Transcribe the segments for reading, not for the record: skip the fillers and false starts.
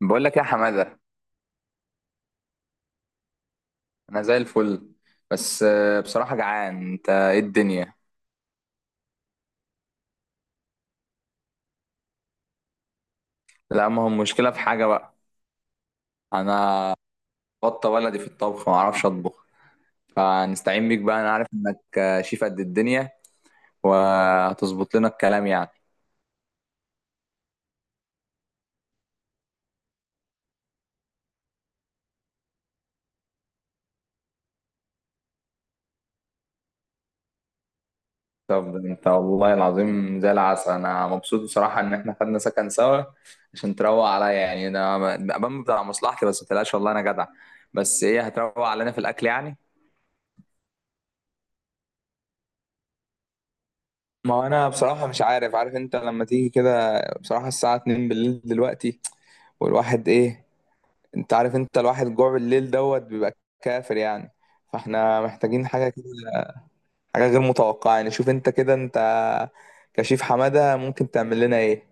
بقول لك يا حمادة، انا زي الفل. بس بصراحة جعان. انت ايه الدنيا؟ لا، ما هو المشكلة في حاجة بقى. انا بطة ولدي في الطبخ، ما اعرفش اطبخ. فنستعين بيك بقى، انا عارف انك شيف قد الدنيا. وهتظبط لنا الكلام يعني. طب انت والله العظيم زي العسل، انا مبسوط بصراحة ان احنا خدنا سكن سوا عشان تروق عليا يعني. انا بمبدأ على مصلحتي، بس ما تقلقش والله انا جدع. بس ايه، هتروق علينا في الاكل يعني؟ ما هو انا بصراحة مش عارف. عارف انت لما تيجي كده بصراحة الساعة 2 بالليل دلوقتي والواحد ايه؟ انت عارف، انت الواحد جوع بالليل دوت بيبقى كافر يعني. فاحنا محتاجين حاجة كده، حاجة غير متوقعة يعني. شوف انت كده، انت كشيف حمادة، ممكن تعمل لنا ايه؟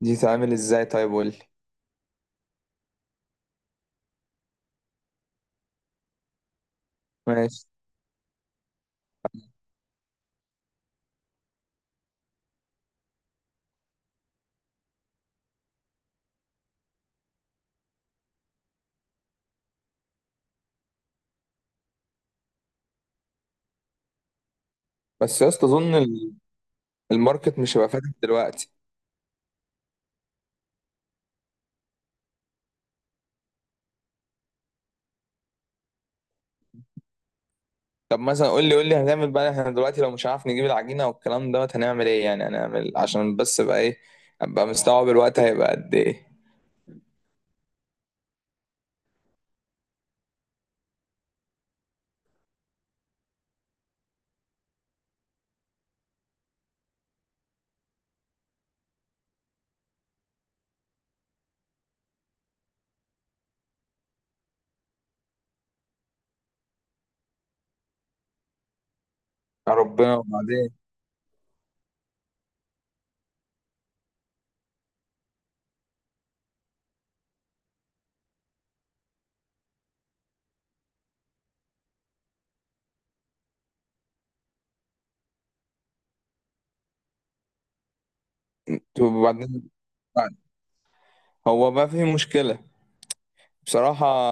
دي تعمل ازاي طيب؟ قول لي. ماشي. بس يا اسطى اظن الماركت مش هيبقى فاتح دلوقتي. طب مثلا، قول لي هنعمل بقى احنا دلوقتي لو مش عارف نجيب العجينه والكلام دوت، هنعمل ايه يعني؟ هنعمل عشان بس بقى ايه، ابقى مستوعب الوقت هيبقى قد ايه؟ يا ربنا، وبعدين؟ طب وبعدين، هو بقى في مشكله. بصراحه،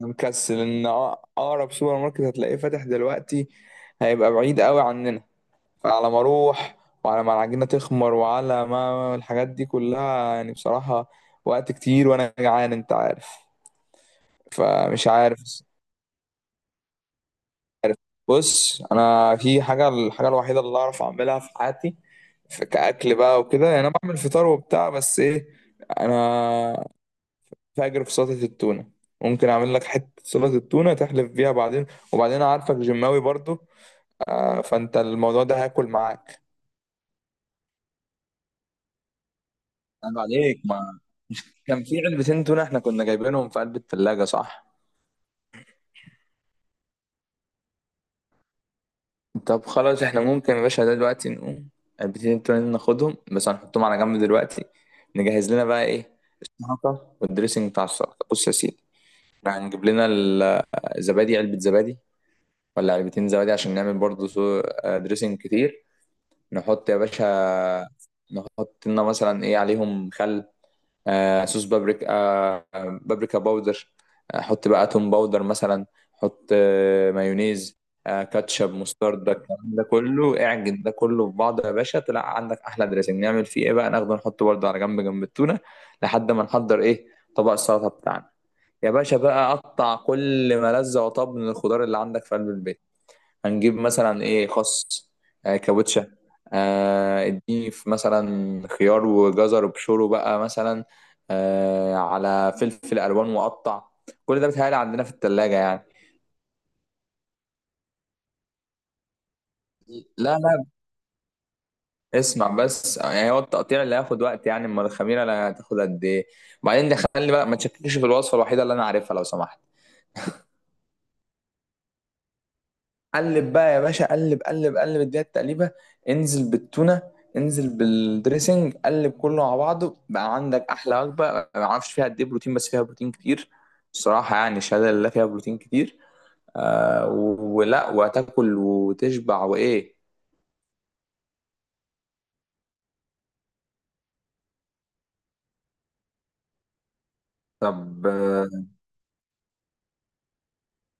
أنا مكسل ان اقرب سوبر ماركت هتلاقيه فاتح دلوقتي هيبقى بعيد قوي عننا. فعلى ما اروح وعلى ما العجينه تخمر وعلى ما الحاجات دي كلها يعني بصراحه وقت كتير، وانا جعان انت عارف. فمش عارف. بص، انا في حاجه، الحاجه الوحيده اللي اعرف اعملها في حياتي في كاكل بقى وكده يعني. انا بعمل فطار وبتاع، بس ايه، انا فاجر في سلطه التونه. ممكن اعمل لك حته سلطه التونه تحلف بيها بعدين. وبعدين أنا عارفك جماوي برضو، فانت الموضوع ده هاكل معاك. انا عليك، ما كان في علبتين تونه احنا كنا جايبينهم في قلب الثلاجه، صح؟ طب خلاص، احنا ممكن يا باشا ده دلوقتي نقوم البتين التونين ناخدهم، بس هنحطهم على جنب دلوقتي. نجهز لنا بقى ايه، السلطة والدريسنج بتاع السلطة. بص يا سيدي، احنا هنجيب لنا الزبادي، علبة زبادي ولا علبتين زبادي عشان نعمل برضه دريسنج كتير. نحط يا باشا، نحط لنا مثلا ايه عليهم، خل، آه، صوص بابريكا، آه، بابريكا باودر، حط بقى توم باودر مثلا، حط آه، مايونيز، آه، كاتشب، مستردة، الكلام ده كله اعجن ده كله في بعضه يا باشا، طلع عندك احلى دريسنج. نعمل فيه ايه بقى؟ ناخده نحطه برضه على جنب، جنب التونه لحد ما نحضر ايه، طبق السلطه بتاعنا. يا باشا بقى، قطع كل ما لذ وطاب من الخضار اللي عندك في قلب البيت. هنجيب مثلا ايه، خس، آه كاوتشة، آه اديني في مثلا خيار وجزر وبشوره بقى مثلا، آه على فلفل الوان وقطع. كل ده بيتهيألي عندنا في التلاجة يعني. لا لا، اسمع بس، يعني هو التقطيع اللي هياخد وقت يعني، امال الخميرة اللي هتاخد قد ايه؟ وبعدين ده خلي بقى، ما تشككش في الوصفة الوحيدة اللي انا عارفها لو سمحت. قلب بقى يا باشا، قلب قلب قلب، اديها التقليبه. انزل بالتونه، انزل بالدريسنج، قلب كله مع بعضه، بقى عندك احلى وجبه ما اعرفش فيها قد ايه بروتين، بس فيها بروتين كتير. الصراحه يعني، الشهاده لله فيها بروتين كتير. آه، ولا وتاكل وتشبع وايه. طب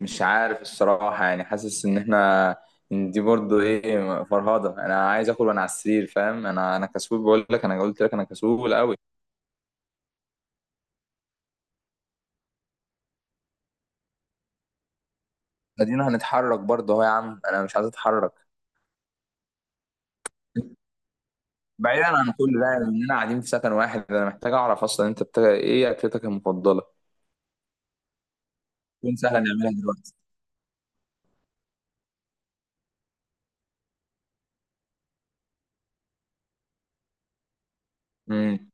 مش عارف الصراحه يعني. حاسس ان احنا، إن دي برضو ايه فرهضه، انا عايز اكل وانا على السرير فاهم، انا كسول بقول لك، انا قلت لك انا كسول قوي. ادينا هنتحرك برضه اهو يا عم، انا مش عايز اتحرك. بعيدا عن كل ده اننا قاعدين في سكن واحد، انا محتاج اعرف اصلا انت ايه اكلتك المفضله؟ تكون سهله نعملها دلوقتي. امم.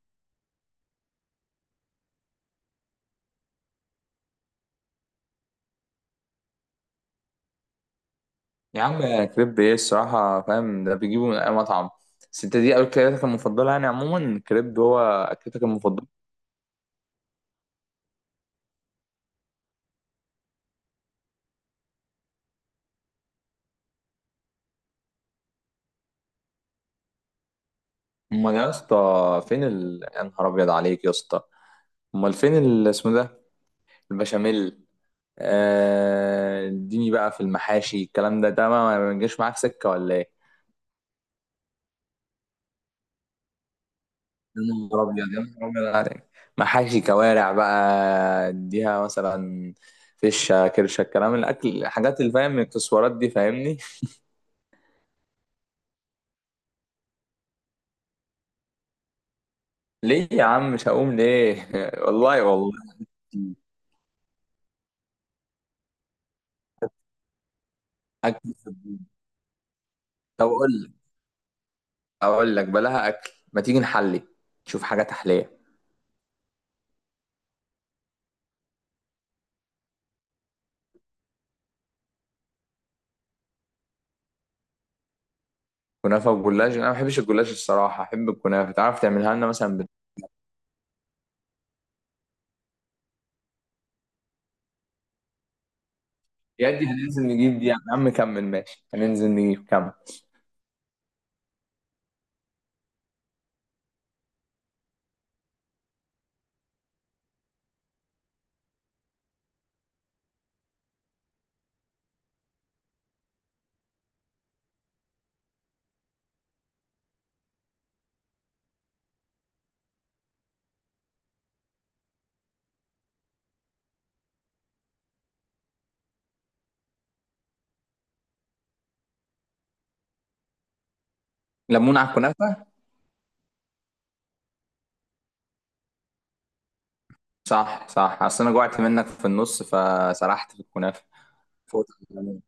يا عم كريب ايه الصراحه فاهم، ده بيجيبه من اي مطعم. بس انت دي اكلتك المفضله يعني، عموما كريب هو اكلتك المفضله. امال يا اسطى، فين يا نهار ابيض عليك يا اسطى. امال فين اسمه ده، البشاميل. اديني بقى في المحاشي، الكلام ده ما بيجيش معاك سكه ولا ايه؟ يا نهار ابيض، يا نهار ابيض عليك. محاشي كوارع بقى، اديها مثلا فشه كرشه، الكلام، الاكل، الحاجات اللي فاهم، الاكسسوارات دي فاهمني. ليه يا عم مش هقوم ليه؟ والله والله. اكل في البيت. طب اقول لك، بلاها اكل، ما تيجي نحلي، نشوف حاجه تحليه. كنافه وجلاش، انا ما بحبش الجلاش الصراحه، احب الكنافه. تعرف تعملها لنا مثلا يا دي هننزل نجيب دي، يا عم كمل ماشي، هننزل نجيب، كمل. ليمون على الكنافه؟ صح، صح، اصل انا جوعت منك في النص فسرحت في الكنافه. فوت يعني.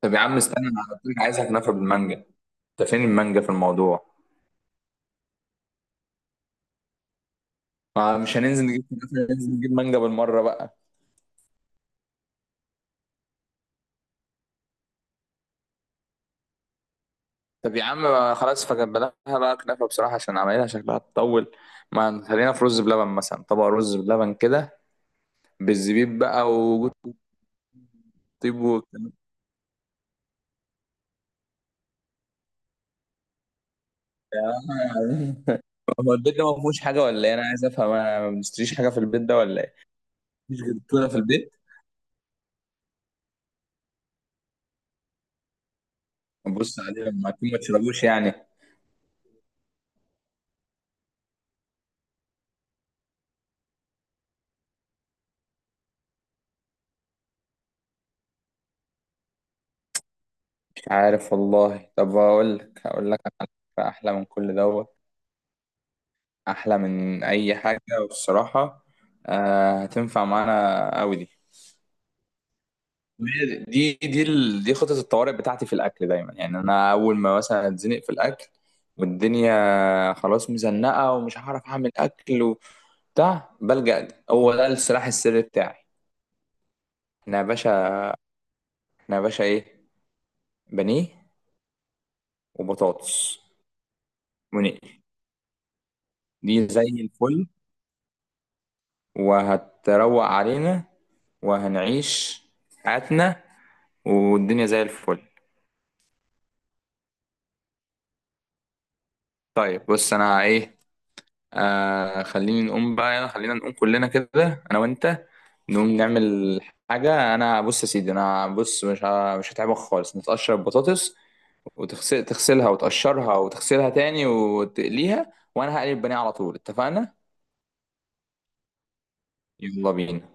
طب يا عم استنى، انا قلت لك عايزها كنافه بالمانجا. انت فين المانجا في الموضوع؟ ما مش هننزل نجيب كنافه؟ ننزل نجيب مانجا بالمره بقى. طب يا عم ما خلاص، فجبناها بقى كنافه بصراحه عشان عمايلها شكلها تطول. ما خلينا في رز بلبن مثلا، طبق رز بلبن كده، بالزبيب بقى، وجوز الطيب والكلام ده. هو البيت ده ما فيهوش حاجه ولا ايه؟ انا عايز افهم، انا ما بنشتريش حاجه في البيت ده ولا ايه؟ مفيش غير التونه في البيت؟ بص عليه لما اكون ما تشربوش يعني. مش عارف والله. طب هقول لك على فكرة احلى من كل دوت، احلى من اي حاجه والصراحه، آه، هتنفع معانا قوي دي. دي خطه الطوارئ بتاعتي في الاكل دايما يعني. انا اول ما مثلا اتزنق في الاكل والدنيا خلاص مزنقه ومش هعرف اعمل اكل وبتاع بلجأ، ده هو ده السلاح السري بتاعي. احنا يا باشا احنا يا باشا ايه، بانيه وبطاطس، ونقل. دي زي الفل، وهتروق علينا، وهنعيش حياتنا، والدنيا زي الفل. طيب بص، انا ايه، آه خليني نقوم بقى، خلينا نقوم كلنا كده انا وانت، نقوم نعمل حاجة. انا بص يا سيدي انا بص، مش هتعبك خالص، نتقشر البطاطس وتغسل تغسلها وتقشرها وتغسلها تاني وتقليها، وانا هقلي البانيه على طول، اتفقنا؟ يلا بينا.